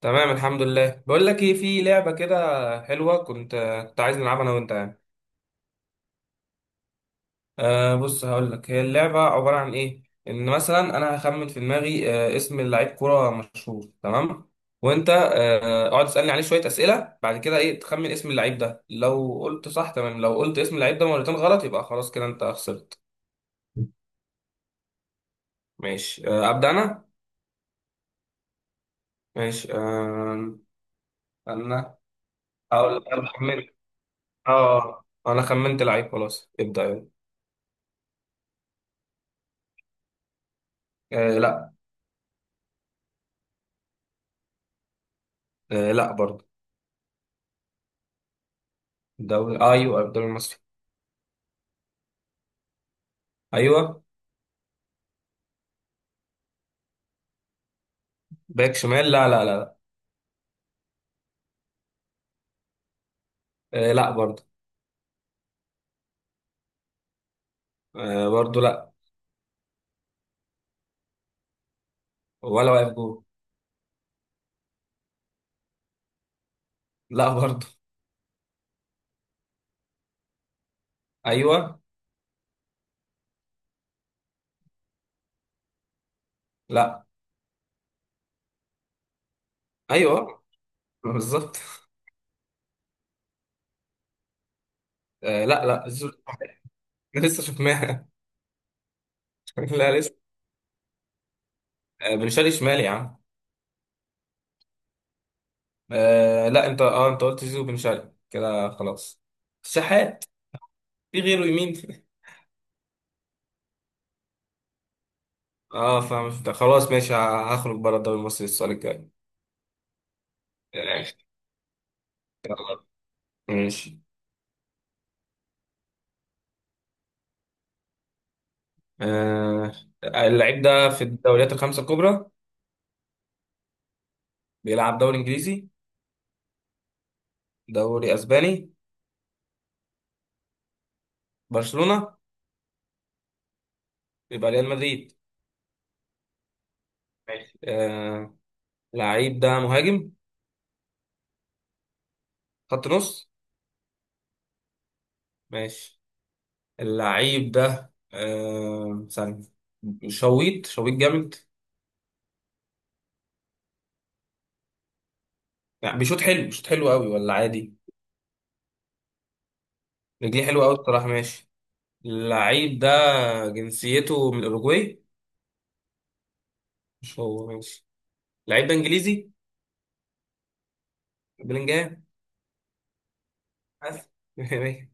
تمام الحمد لله، بقول لك ايه، في لعبه كده حلوه. كنت عايز نلعبها انا وانت يعني. بص هقول لك هي اللعبه عباره عن ايه. ان مثلا انا هخمن في دماغي اسم لعيب كوره مشهور، تمام. وانت اقعد تسالني عليه شويه اسئله، بعد كده ايه تخمن اسم اللعيب ده. لو قلت صح تمام، لو قلت اسم اللعيب ده مرتين غلط يبقى خلاص كده انت خسرت. ماشي ابدا انا. ماشي انا. هقول لك انا خمنت. اه انا خمنت لعيب، خلاص ابدا يلا. أه لا. آه لا برضه. الدوري، آه ايوه الدوري المصري. ايوه. باك شمال؟ لا لا لا لا. آه لا برضه. آه برضه لا. ولا واقف جول. لا برضه. ايوه. لا. ايوه. بالظبط. آه لا لا زول- لسه شفناها. لا لسه. آه بن شرقي شمال يا عم. آه لا، انت انت قلت زيزو بن شرقي كده خلاص. الشحات. في غيره يمين. اه فاهم ده. خلاص ماشي، هخرج بره الدوري المصري السؤال الجاي. آه، ماشي. آه اللعيب ده في الدوريات الخمسة الكبرى. بيلعب دوري انجليزي؟ دوري اسباني؟ برشلونة؟ يبقى ريال مدريد. ماشي. اللعيب ده مهاجم؟ خط نص؟ ماشي. اللعيب ده ثانية. شويط جامد؟ يعني بيشوط حلو، بيشوط حلو قوي ولا عادي؟ رجليه حلوه قوي الصراحة. ماشي. اللعيب ده جنسيته من الاوروجواي؟ مش هو. ماشي. اللعيب ده انجليزي. بلينجهام. بس.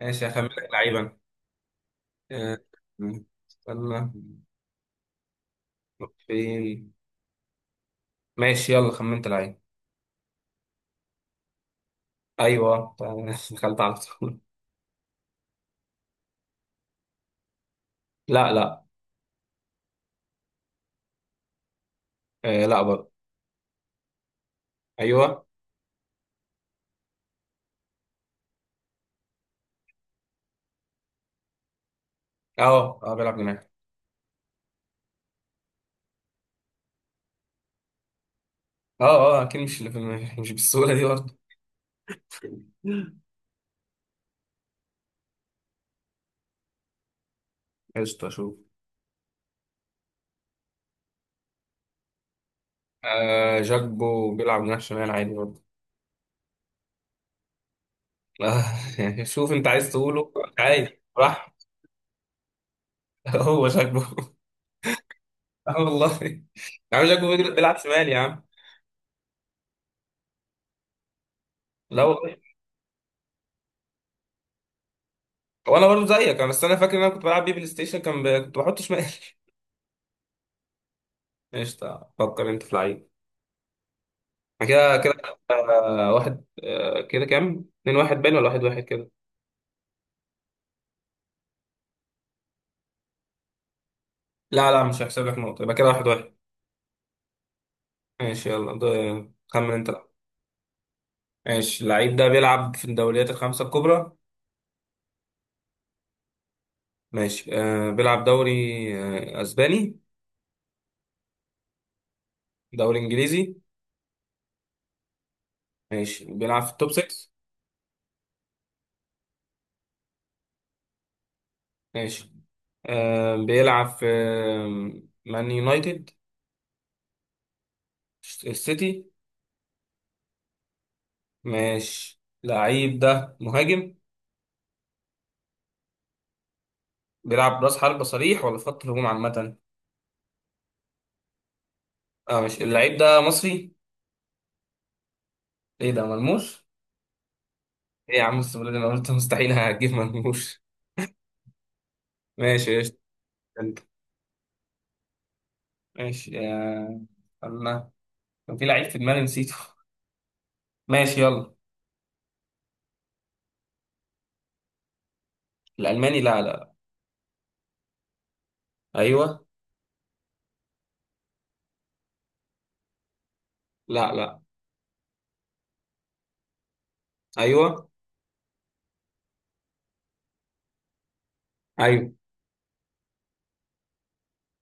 ماشي هخمن لك لعيبا. آه، استنى. فين. ماشي يلا خمنت العين. ايوه. دخلت على طول. لا لا. آه لا برضه. ايوه. اه بيلعب جناح. اه اه اكيد مش اللي في مش بالسهوله دي برضه. قشطة شوف. آه جاكبو بيلعب جناح شمال عادي برضه. آه. يعني شوف انت عايز تقوله. عادي راح. هو جاكبو. اه والله. يا عم جاكبو بيلعب شمال يا عم. لا والله. هو انا برضه زيك، انا فاكر ان انا كنت بلعب بيه بلاي ستيشن، كنت بحط شمال. قشطه. فكر انت في لعيب. أنا كده كده. واحد، كده كام؟ اتنين واحد باين، ولا واحد واحد كده؟ لا لا، مش هحسب لك نقطة، يبقى كده واحد واحد. ماشي يلا ده. خمن انت لا. ماشي، اللعيب ده بيلعب في الدوريات الخمسة الكبرى. ماشي. بيلعب دوري أسباني؟ دوري إنجليزي؟ ماشي، بيلعب في التوب 6. ماشي. بيلعب في مان يونايتد؟ السيتي. ماشي. اللعيب ده مهاجم؟ بيلعب راس حربة صريح ولا في خط الهجوم عامة؟ اه ماشي. اللعيب ده مصري؟ ايه ده ملموس؟ ايه يا عم، السؤال اللي انا قلت مستحيل هجيب مرموش. ماشي يا انت. ماشي يا الله، كان في لعيب في دماغي نسيته. ماشي يلا. الالماني؟ لا لا. ايوه. لا لا. ايوه. ايوه.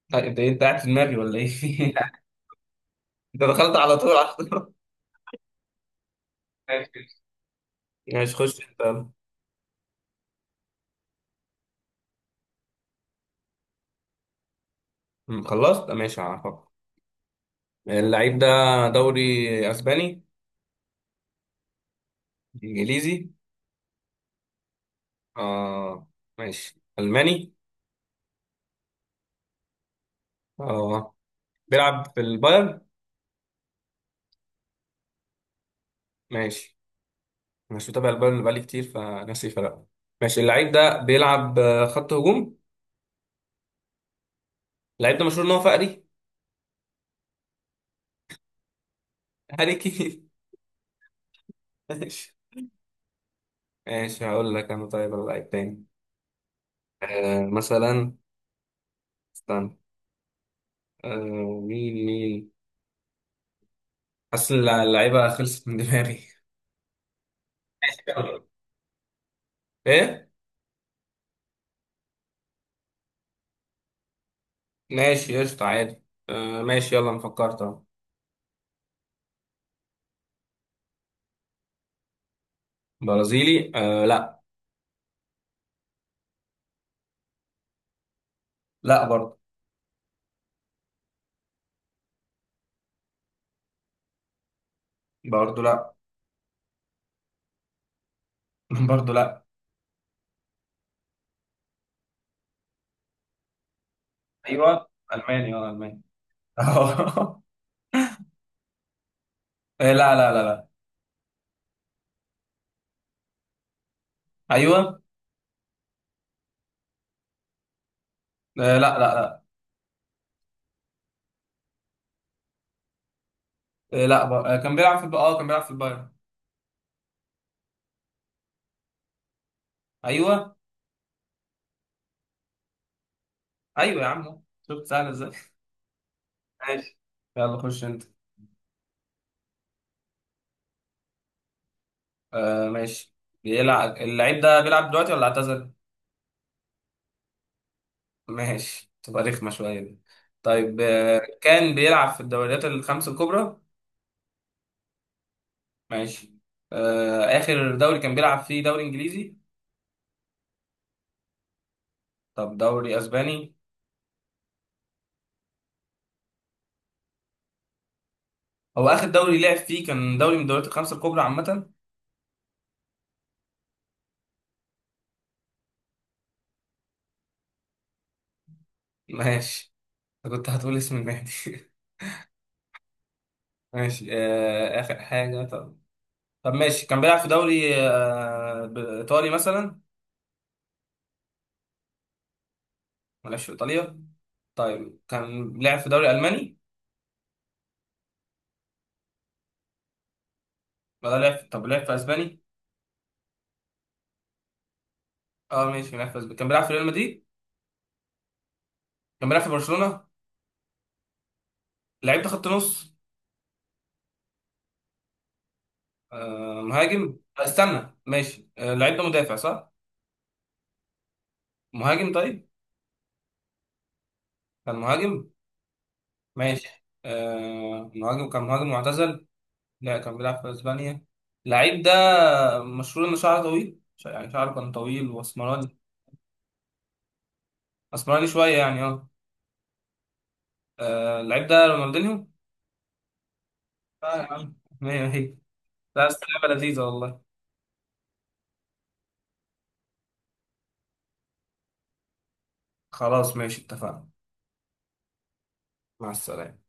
لا، انت انت قاعد في دماغي ولا ايه؟ انت دخلت على طول، على طول. ماشي. ماشي خش انت يلا. م، خلصت. ماشي هفكر. اللعيب ده دوري اسباني؟ انجليزي؟ اه ماشي. الماني؟ اه. بيلعب في البايرن؟ ماشي. مش متابع البايرن بقالي كتير، فناسي فرق. ماشي. اللعيب ده بيلعب خط هجوم. اللعيب ده مشهور ان هو فقري. هاري كين. ماشي. ماشي هقول لك انا. طيب اللعيب تاني. مثلا استنى. آه مين مين. حاسس إن اللعيبه خلصت من دماغي. ماشي يلا. ايه. ماشي قشطة عادي. ماشي يلا انا فكرت اهو. برازيلي؟ آه لا. لا برضه. برضه لا. برضه لا. ايوه الماني، اه الماني. آه، لا لا لا لا. ايوه. آه لا لا لا. آه كان بيلعب في كان بيلعب في البايرن. ايوه. ايوه يا عم شفت سهل ازاي. ماشي يلا خش انت. ماشي. بيلعب، اللعيب ده بيلعب دلوقتي ولا اعتزل؟ ماشي، تبقى رخمة شوية دي. طيب، كان بيلعب في الدوريات الخمس الكبرى. ماشي. اخر دوري كان بيلعب فيه دوري انجليزي؟ طب دوري اسباني؟ هو اخر دوري لعب فيه كان دوري من الدوريات الخمس الكبرى عامة؟ ماشي. أنا كنت هتقول اسم النادي. ماشي آخر حاجة. طب ماشي، كان بيلعب في دوري ايطالي مثلا؟ ما لعبش في ايطاليا. طيب كان لعب في دوري الماني؟ ولا لعب، طب لعب في اسباني؟ اه ماشي، لعب في اسباني. كان بيلعب في ريال مدريد؟ كان بيلعب في برشلونة. لعيب ده خط نص؟ مهاجم؟ استنى ماشي. لعيب ده مدافع صح؟ مهاجم طيب. كان مهاجم. ماشي. مهاجم، كان مهاجم معتزل. لا، كان بيلعب في اسبانيا. لعيب ده مشهور ان شعره طويل، يعني شعره كان طويل واسمراني. اسمراني شوية يعني اه. اللعيب ده رونالدينيو. اه يا عم، مية مية. لا بس لعبة لذيذة والله. خلاص ماشي، اتفقنا. مع السلامة.